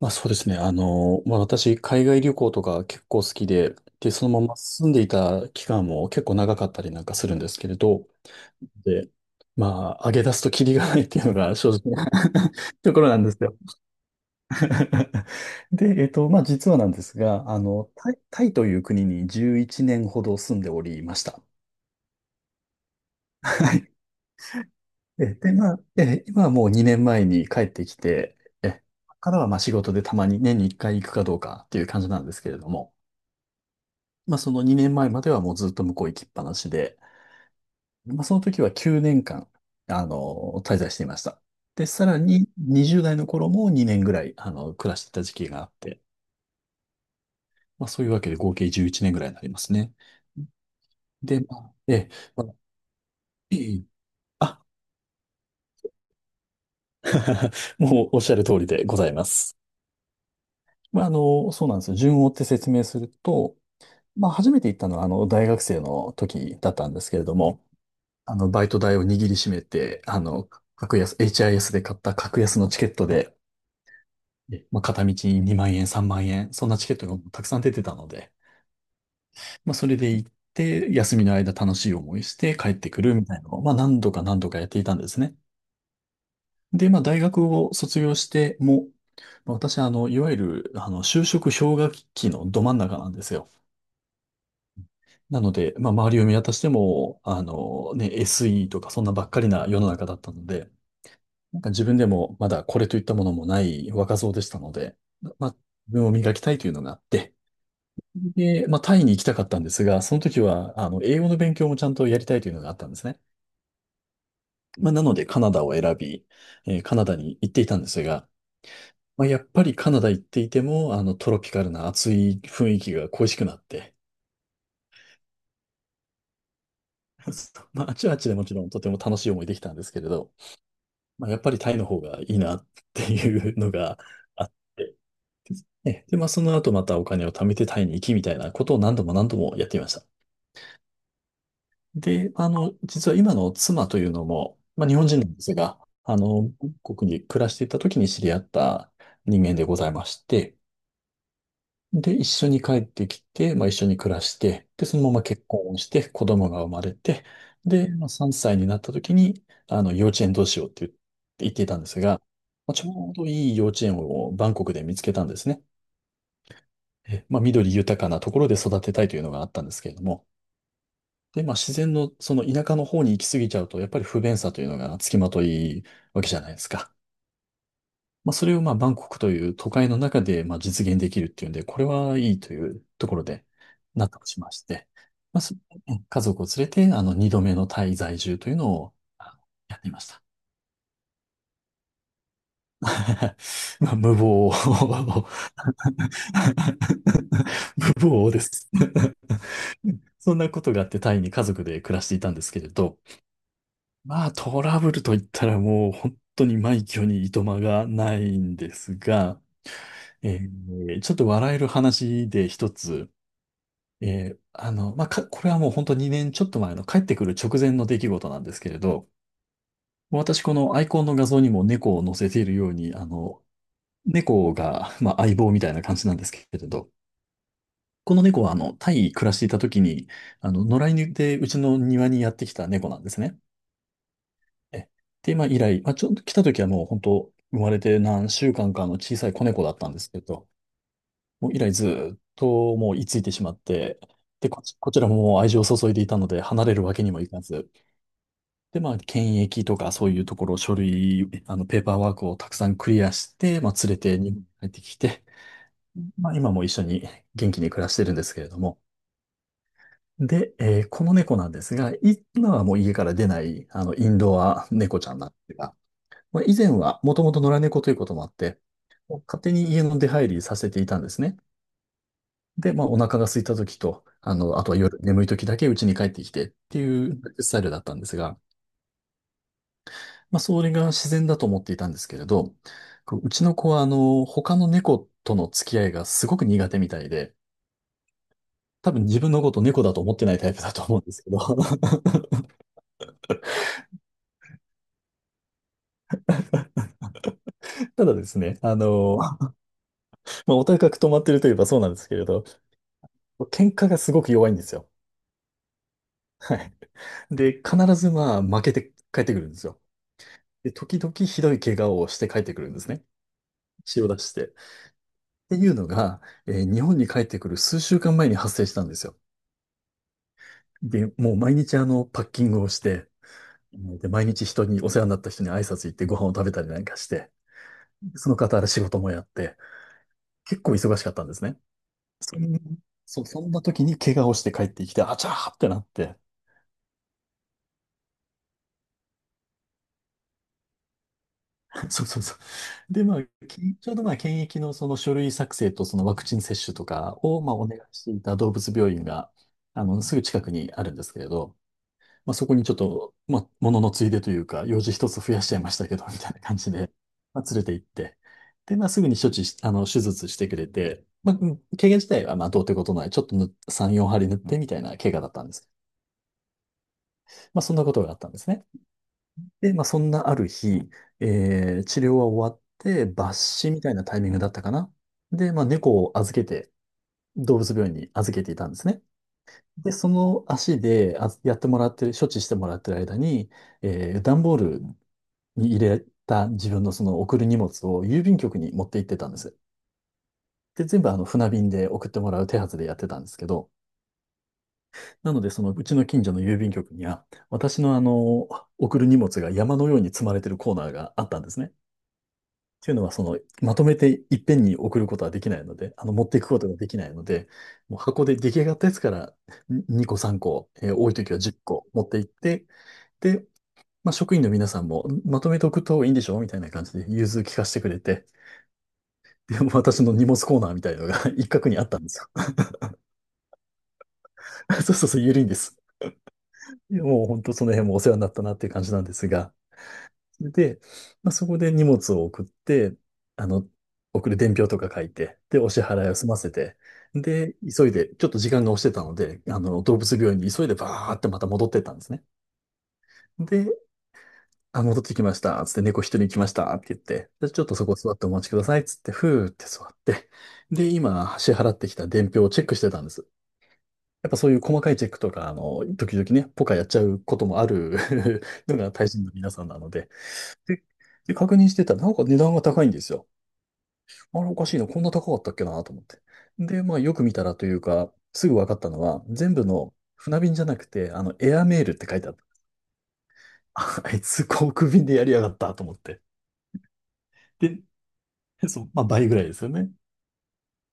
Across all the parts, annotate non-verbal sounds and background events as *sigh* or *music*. まあそうですね。まあ私、海外旅行とか結構好きで、で、そのまま住んでいた期間も結構長かったりなんかするんですけれど、で、まあ、上げ出すとキリがないっていうのが正直な *laughs* ところなんですよ。*laughs* で、まあ実はなんですが、タイという国に11年ほど住んでおりました。はい。*laughs* で、まあ、今はもう2年前に帰ってきて、ここからはまあ仕事でたまに年に1回行くかどうかっていう感じなんですけれども、まあ、その2年前まではもうずっと向こう行きっぱなしで、まあ、その時は9年間、滞在していました。で、さらに20代の頃も2年ぐらい、暮らしていた時期があって、まあ、そういうわけで合計11年ぐらいになりますね。で、まあ、ええ、まあ、いいあ、もうおっしゃる通りでございます。まあ、そうなんですよ。順を追って説明すると、まあ、初めて行ったのは、大学生の時だったんですけれども、バイト代を握りしめて、HIS で買った格安のチケットで、まあ、片道2万円、3万円、そんなチケットがたくさん出てたので、まあ、それで行って、休みの間楽しい思いして帰ってくるみたいなのを、まあ、何度か何度かやっていたんですね。で、まあ、大学を卒業しても、まあ私、いわゆる、就職氷河期のど真ん中なんですよ。なので、まあ、周りを見渡しても、ね、SE とかそんなばっかりな世の中だったので、なんか自分でもまだこれといったものもない若造でしたので、まあ、自分を磨きたいというのがあって、で、まあ、タイに行きたかったんですが、その時は、英語の勉強もちゃんとやりたいというのがあったんですね。まあ、なので、カナダを選び、カナダに行っていたんですが、まあ、やっぱりカナダ行っていても、トロピカルな暑い雰囲気が恋しくなって、*laughs* まあ、あちはあちでもちろんとても楽しい思いできたんですけれど、まあ、やっぱりタイの方がいいなっていうのがあってえ、で、まあ、その後またお金を貯めてタイに行きみたいなことを何度も何度もやっていました。で、実は今の妻というのも、まあ、日本人なんですが、韓国に暮らしていた時に知り合った人間でございまして、で、一緒に帰ってきて、まあ、一緒に暮らして、で、そのまま結婚をして、子供が生まれて、で、まあ、3歳になった時に、幼稚園どうしようって言っていたんですが、まあちょうどいい幼稚園をバンコクで見つけたんですね。まあ、緑豊かなところで育てたいというのがあったんですけれども、で、まあ、自然のその田舎の方に行き過ぎちゃうと、やっぱり不便さというのが付きまといわけじゃないですか。まあ、それをまあ、バンコクという都会の中でまあ実現できるっていうんで、これはいいというところで納得しまして、まあ、家族を連れて、二度目のタイ在住というのをやっていました。*laughs* まあ、無謀。*laughs* 無謀です。*laughs* そんなことがあってタイに家族で暮らしていたんですけれど、まあトラブルといったらもう本当に枚挙にいとまがないんですが、ちょっと笑える話で一つ、えーあの、まあか、これはもう本当2年ちょっと前の帰ってくる直前の出来事なんですけれど、もう私このアイコンの画像にも猫を載せているように、猫が、まあ、相棒みたいな感じなんですけれど、この猫はタイに暮らしていた時に、野良犬でうちの庭にやってきた猫なんですね。えで、まあ、以来、まあ、ちょっと来た時はもう本当、生まれて何週間かの小さい子猫だったんですけど、もう以来ずーっともう居ついてしまって、で、こちらももう愛情を注いでいたので離れるわけにもいかず、で、まあ、検疫とかそういうところ、書類、ペーパーワークをたくさんクリアして、まあ、連れて日本に帰ってきて、まあ、今も一緒に元気に暮らしてるんですけれども、で、この猫なんですが、今はもう家から出ない、インドア猫ちゃんなんですが、まあ、以前はもともと野良猫ということもあって、勝手に家の出入りさせていたんですね。で、まあ、お腹が空いた時と、あとは夜眠い時だけ家に帰ってきてっていうスタイルだったんですが、まあ、それが自然だと思っていたんですけれど、こううちの子は、他の猫との付き合いがすごく苦手みたいで、多分自分のこと猫だと思ってないタイプだと思うんですけど、*laughs* ただですね、まあ、お高く止まってるといえばそうなんですけれど、喧嘩がすごく弱いんですよ。はい。で、必ずまあ負けて帰ってくるんですよ。で、時々ひどい怪我をして帰ってくるんですね。血を出して。っていうのが、日本に帰ってくる数週間前に発生したんですよ。で、もう毎日パッキングをして、で、毎日人に、お世話になった人に挨拶行ってご飯を食べたりなんかして、その傍ら仕事もやって、結構忙しかったんですね。そん、そんな時に怪我をして帰ってきて、あちゃーってなって、そうそうそう。で、まあ、ちょうどまあ、検疫のその書類作成とそのワクチン接種とかをまあ、お願いしていた動物病院が、すぐ近くにあるんですけれど、まあ、そこにちょっと、まあ、もののついでというか、用事一つ増やしちゃいましたけど、みたいな感じで、まあ、連れて行って、で、まあ、すぐに処置し、手術してくれて、まあ、怪我自体はまあ、どうってことない、ちょっと3、4針塗ってみたいな怪我だったんです。まあ、そんなことがあったんですね。で、まあ、そんなある日、治療は終わって、抜歯みたいなタイミングだったかな。で、まあ、猫を預けて、動物病院に預けていたんですね。で、その足であやってもらってる、処置してもらってる間に、段ボールに入れた自分のその送る荷物を郵便局に持って行ってたんです。全部船便で送ってもらう手はずでやってたんですけど、なので、そのうちの近所の郵便局には、私の送る荷物が山のように積まれてるコーナーがあったんですね。っていうのは、まとめていっぺんに送ることはできないので、持っていくことができないので、もう箱で出来上がったやつから2個3個、多い時は10個持っていって、で、まあ、職員の皆さんも、まとめておくといいんでしょうみたいな感じで融通聞かせてくれて、で、もう私の荷物コーナーみたいのが *laughs* 一角にあったんですよ。*laughs* そうそうそう、緩いんです。いやもう本当その辺もお世話になったなっていう感じなんですが、で、まあ、そこで荷物を送って、あの、送る伝票とか書いて、で、お支払いを済ませて、で、急いで、ちょっと時間が押してたので、動物病院に急いでバーってまた戻ってったんですね。で、あ、戻ってきました、つって猫一人来ました、って言って、で、ちょっとそこ座ってお待ちください、つって、ふーって座って、で、今、支払ってきた伝票をチェックしてたんです。やっぱそういう細かいチェックとか、時々ね、ポカやっちゃうこともある *laughs* のが大臣の皆さんなので、で、で確認してたら、なんか値段が高いんですよ。あれおかしいな、こんな高かったっけなと思って。で、まあよく見たらというか、すぐ分かったのは、全部の船便じゃなくて、エアメールって書いてあった。*laughs* あ、あいつ航空便でやりやがったと思って。で、そう、まあ倍ぐらいですよね。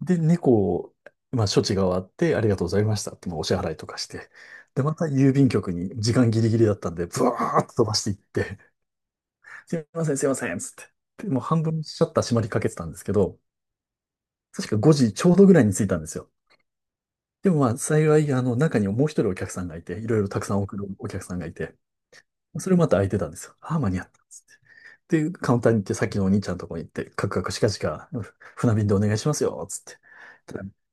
で、猫を、まあ処置が終わって、ありがとうございましたって、まあお支払いとかして。で、また郵便局に時間ギリギリだったんで、ブワーッと飛ばしていって、すいません、すいません、つって。で、もう半分シャッター閉まりかけてたんですけど、確か5時ちょうどぐらいに着いたんですよ。でもまあ幸い、あの中にもう一人お客さんがいて、いろいろたくさん送るお客さんがいて、それまた空いてたんですよ。ああ、間に合ったっつって。で、カウンターに行って、さっきのお兄ちゃんのとこに行って、カクカクしかしか、船便でお願いしますよ、つって。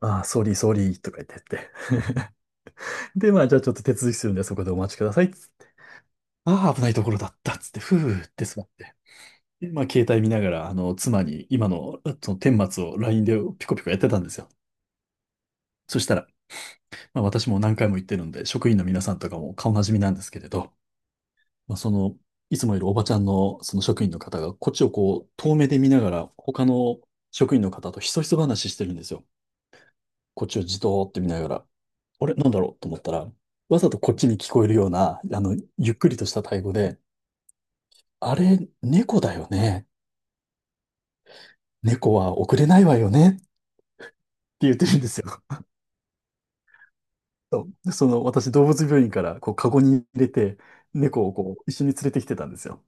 ああー、ソーリー、ソーリーとか言ってって。で、まあ、じゃあちょっと手続きするんで、そこでお待ちください、つって。ああ、危ないところだった、つって、ふーって座って。で、まあ、携帯見ながら、妻に今の、顛末を LINE でピコピコやってたんですよ。そしたら、まあ、私も何回も言ってるんで、職員の皆さんとかも顔なじみなんですけれど、まあ、その、いつもいるおばちゃんのその職員の方が、こっちをこう、遠目で見ながら、他の職員の方とひそひそ話してるんですよ。こっちをじとーって見ながら、あれ、なんだろうと思ったら、わざとこっちに聞こえるような、ゆっくりとしたタイ語で、あれ、猫だよね。猫は遅れないわよね。って言ってるんですよ。*laughs* そうでその、私、動物病院から、こう、カゴに入れて、猫をこう、一緒に連れてきてたんですよ。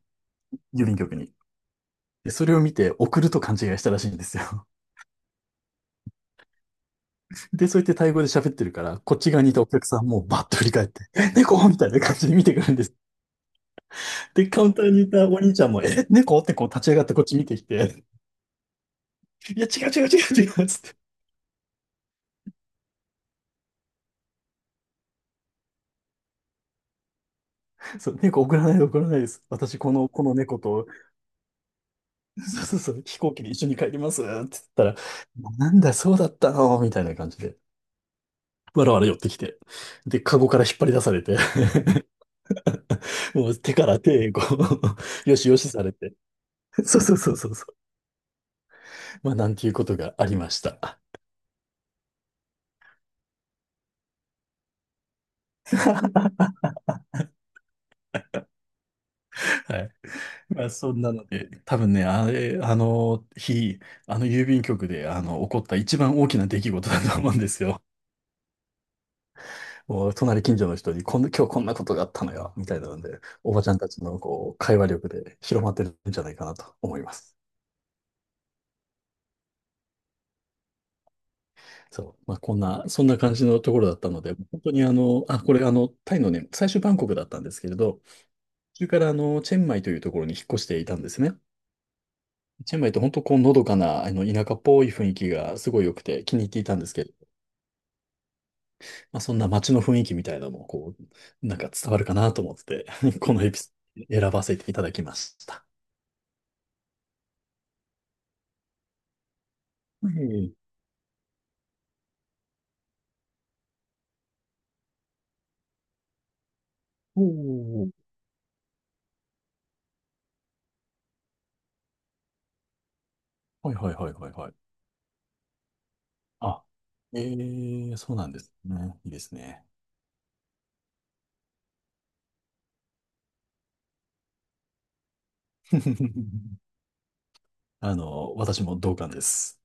郵便局に。で、それを見て送ると勘違いしたらしいんですよ。*laughs* で、そうやってタイ語で喋ってるから、こっち側にいたお客さんもバッと振り返って、え、猫みたいな感じで見てくるんです。で、カウンターにいたお兄ちゃんも、え、猫ってこう立ち上がってこっち見てきて、いや、違うっつって、そう、猫送らないで送らないです。私、この猫と、そうそうそう、飛行機で一緒に帰りますって言ったら、なんだ、そうだったのみたいな感じで。わらわら寄ってきて。で、カゴから引っ張り出されて、*laughs* もう手から手、こう、*laughs* よしよしされて。そうそうそうそう。まあ、なんていうことがありました。*laughs* はい。まあ、そんなので、多分ね、あれ、あの日、あの郵便局で、起こった一番大きな出来事だと思うんですよ。*laughs* もう、隣近所の人に、こんな、今日こんなことがあったのよ、みたいなので、おばちゃんたちの、こう、会話力で広まってるんじゃないかなと思います。そう。まあ、こんな、そんな感じのところだったので、本当にあ、これ、タイのね、最初バンコクだったんですけれど、途中からチェンマイというところに引っ越していたんですね。チェンマイって本当こうのどかなあの田舎っぽい雰囲気がすごい良くて気に入っていたんですけど、まあ、そんな街の雰囲気みたいなのもこう、なんか伝わるかなと思って、*laughs* このエピソード選ばせていただきました。はい。おーはいはいはいはいはい。あ、そうなんですね。いいですね。*laughs* あの、私も同感です。